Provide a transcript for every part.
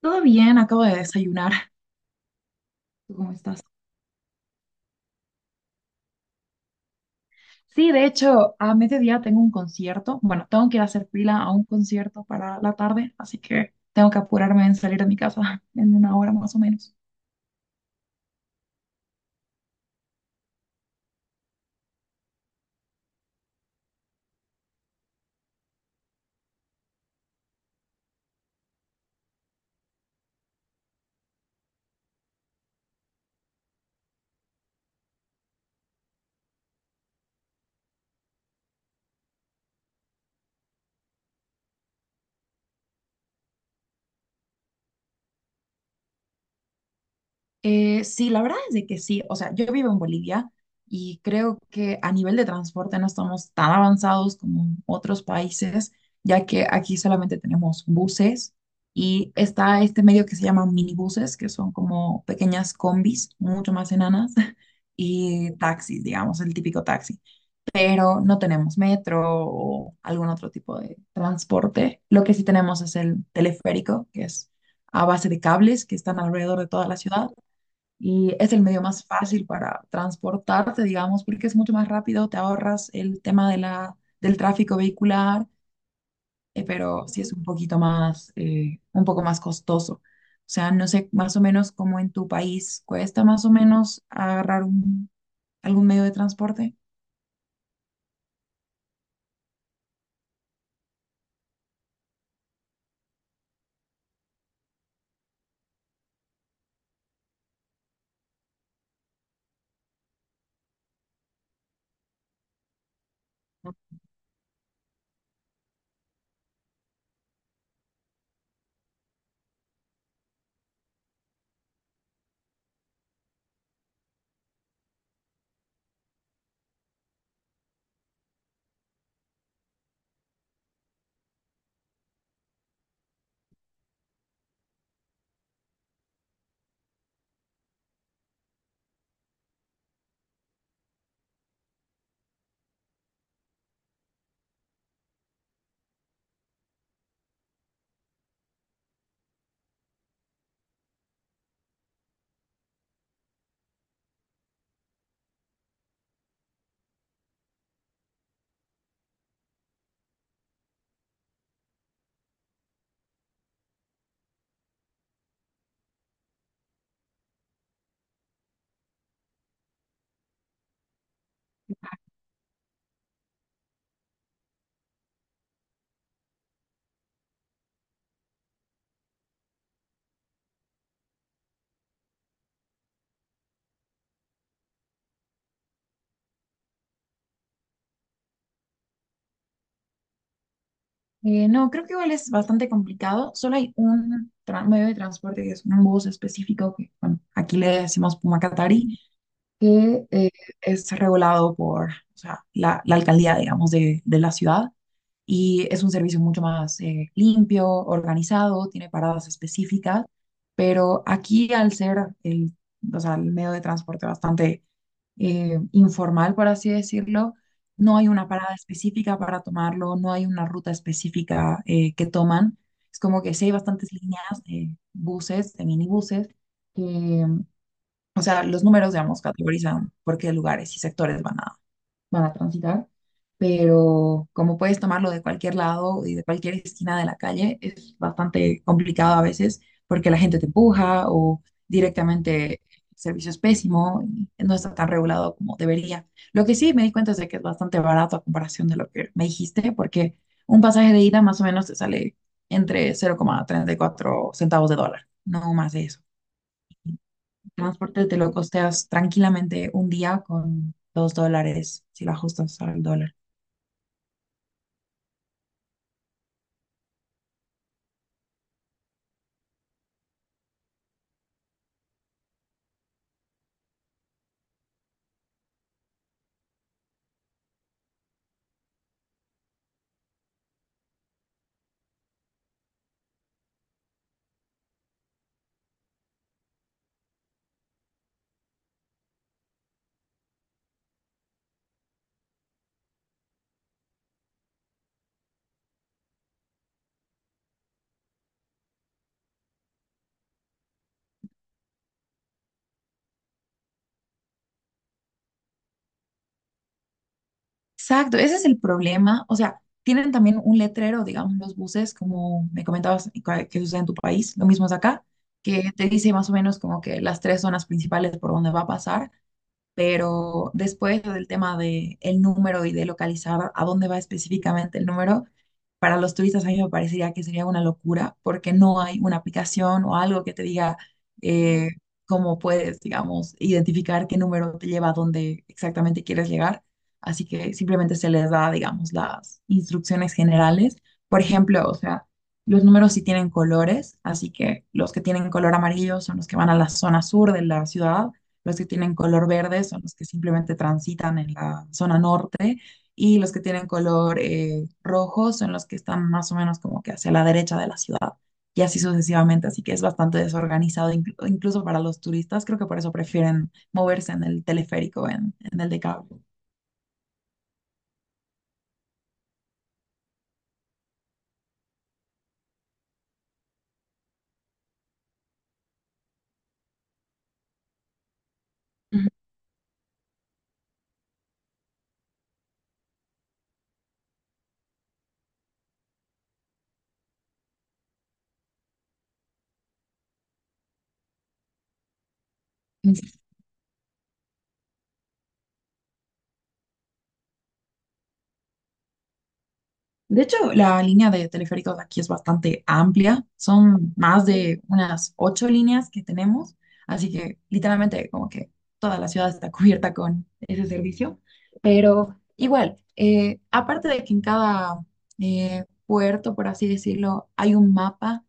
Todo bien, acabo de desayunar. ¿Tú cómo estás? Sí, de hecho, a mediodía tengo un concierto. Bueno, tengo que ir a hacer fila a un concierto para la tarde, así que tengo que apurarme en salir de mi casa en una hora más o menos. Sí, la verdad es de que sí. O sea, yo vivo en Bolivia y creo que a nivel de transporte no estamos tan avanzados como en otros países, ya que aquí solamente tenemos buses y está este medio que se llama minibuses, que son como pequeñas combis, mucho más enanas, y taxis, digamos, el típico taxi. Pero no tenemos metro o algún otro tipo de transporte. Lo que sí tenemos es el teleférico, que es a base de cables que están alrededor de toda la ciudad y es el medio más fácil para transportarte, digamos, porque es mucho más rápido, te ahorras el tema de del tráfico vehicular, pero sí es un poquito más, un poco más costoso. O sea, no sé más o menos cómo en tu país cuesta más o menos agarrar algún medio de transporte. No, creo que igual es bastante complicado. Solo hay un medio de transporte que es un bus específico que, bueno, aquí le decimos Pumacatari, que es regulado por, o sea, la alcaldía, digamos, de la ciudad. Y es un servicio mucho más limpio, organizado, tiene paradas específicas, pero aquí al ser el, o sea, el medio de transporte bastante informal, por así decirlo, no hay una parada específica para tomarlo, no hay una ruta específica que toman. Es como que sí hay bastantes líneas de buses, de minibuses, que, o sea, los números, digamos, categorizan por qué lugares y sectores van a transitar, pero como puedes tomarlo de cualquier lado y de cualquier esquina de la calle, es bastante complicado a veces porque la gente te empuja o directamente el servicio es pésimo y no está tan regulado como debería. Lo que sí me di cuenta es de que es bastante barato a comparación de lo que me dijiste, porque un pasaje de ida más o menos te sale entre cero coma treinta y cuatro centavos de dólar, no más de eso. Transporte te lo costeas tranquilamente un día con dos dólares, si lo ajustas al dólar. Exacto, ese es el problema. O sea, tienen también un letrero, digamos, los buses, como me comentabas que sucede en tu país, lo mismo es acá, que te dice más o menos como que las tres zonas principales por donde va a pasar. Pero después lo del tema de el número y de localizar a dónde va específicamente el número, para los turistas a mí me parecería que sería una locura porque no hay una aplicación o algo que te diga eh, cómo puedes, digamos, identificar qué número te lleva a dónde exactamente quieres llegar. Así que simplemente se les da, digamos, las instrucciones generales. Por ejemplo, o sea, los números sí tienen colores, así que los que tienen color amarillo son los que van a la zona sur de la ciudad, los que tienen color verde son los que simplemente transitan en la zona norte y los que tienen color rojo son los que están más o menos como que hacia la derecha de la ciudad y así sucesivamente. Así que es bastante desorganizado incluso para los turistas. Creo que por eso prefieren moverse en el teleférico, en el de cable. Ujú. De hecho, la línea de teleféricos de aquí es bastante amplia. Son más de unas 8 líneas que tenemos. Así que literalmente como que toda la ciudad está cubierta con ese servicio. Pero igual, aparte de que en cada puerto, por así decirlo, hay un mapa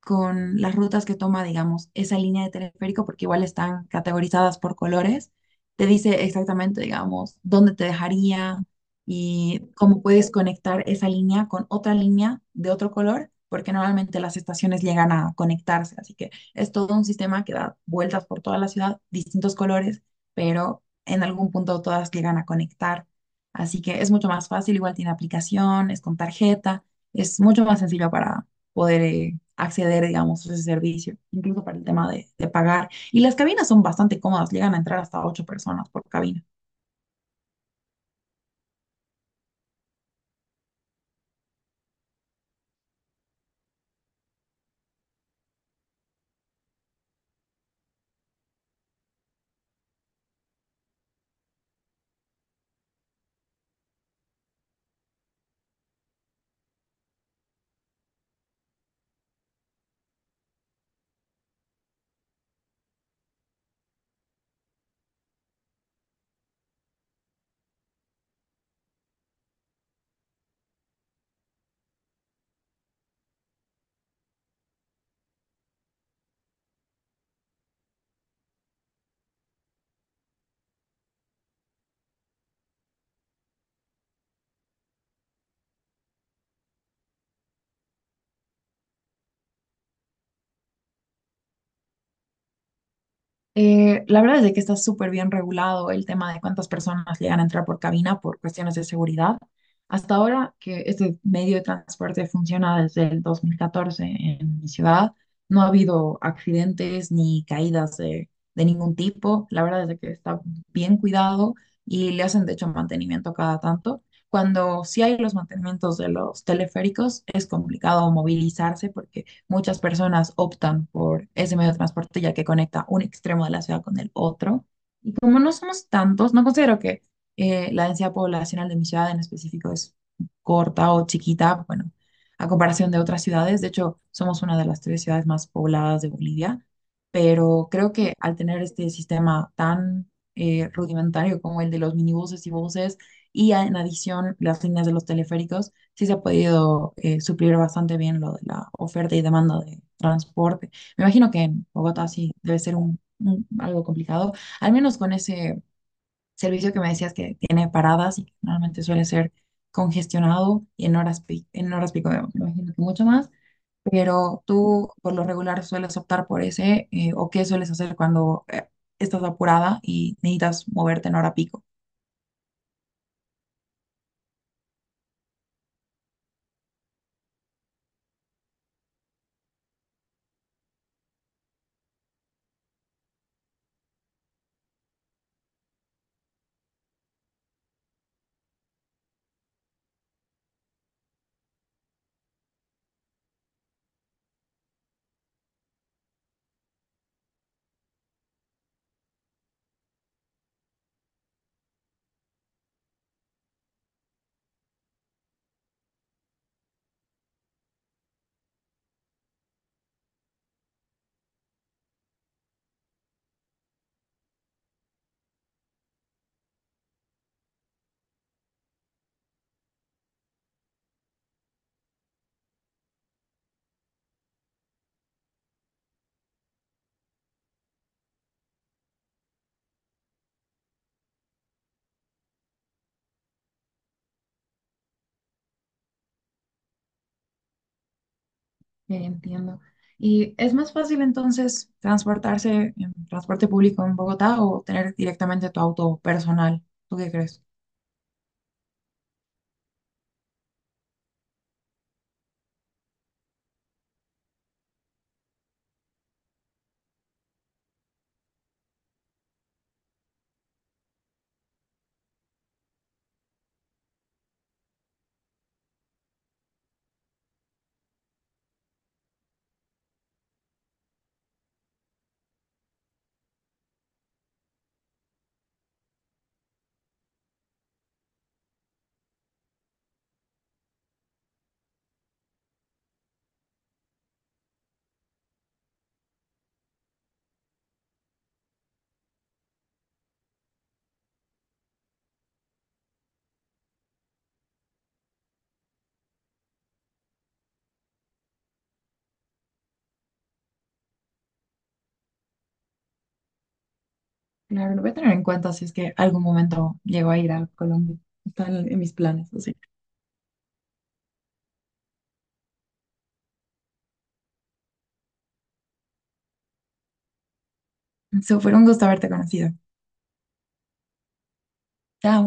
con las rutas que toma, digamos, esa línea de teleférico, porque igual están categorizadas por colores. Te dice exactamente, digamos, dónde te dejaría, y cómo puedes conectar esa línea con otra línea de otro color, porque normalmente las estaciones llegan a conectarse, así que es todo un sistema que da vueltas por toda la ciudad, distintos colores, pero en algún punto todas llegan a conectar. Así que es mucho más fácil, igual tiene aplicación, es con tarjeta, es mucho más sencillo para poder acceder, digamos, a ese servicio, incluso para el tema de pagar. Y las cabinas son bastante cómodas, llegan a entrar hasta 8 personas por cabina. La verdad es de que está súper bien regulado el tema de cuántas personas llegan a entrar por cabina por cuestiones de seguridad. Hasta ahora que este medio de transporte funciona desde el 2014 en mi ciudad, no ha habido accidentes ni caídas de ningún tipo. La verdad es de que está bien cuidado y le hacen de hecho mantenimiento cada tanto. Cuando sí hay los mantenimientos de los teleféricos, es complicado movilizarse porque muchas personas optan por ese medio de transporte ya que conecta un extremo de la ciudad con el otro. Y como no somos tantos, no considero que la densidad poblacional de mi ciudad en específico es corta o chiquita, bueno, a comparación de otras ciudades. De hecho, somos una de las tres ciudades más pobladas de Bolivia, pero creo que al tener este sistema tan rudimentario como el de los minibuses y buses, y en adición las líneas de los teleféricos, sí se ha podido suplir bastante bien lo de la oferta y demanda de transporte. Me imagino que en Bogotá sí debe ser algo complicado, al menos con ese servicio que me decías que tiene paradas y que normalmente suele ser congestionado y en horas pico me imagino que mucho más. Pero tú por lo regular sueles optar por ese, o qué sueles hacer cuando estás apurada y necesitas moverte en hora pico. Ya entiendo. ¿Y es más fácil entonces transportarse en transporte público en Bogotá o tener directamente tu auto personal? ¿Tú qué crees? Claro, lo voy a tener en cuenta si es que algún momento llego a ir a Colombia. Están en mis planes, así. So, fue un gusto haberte conocido. Chao.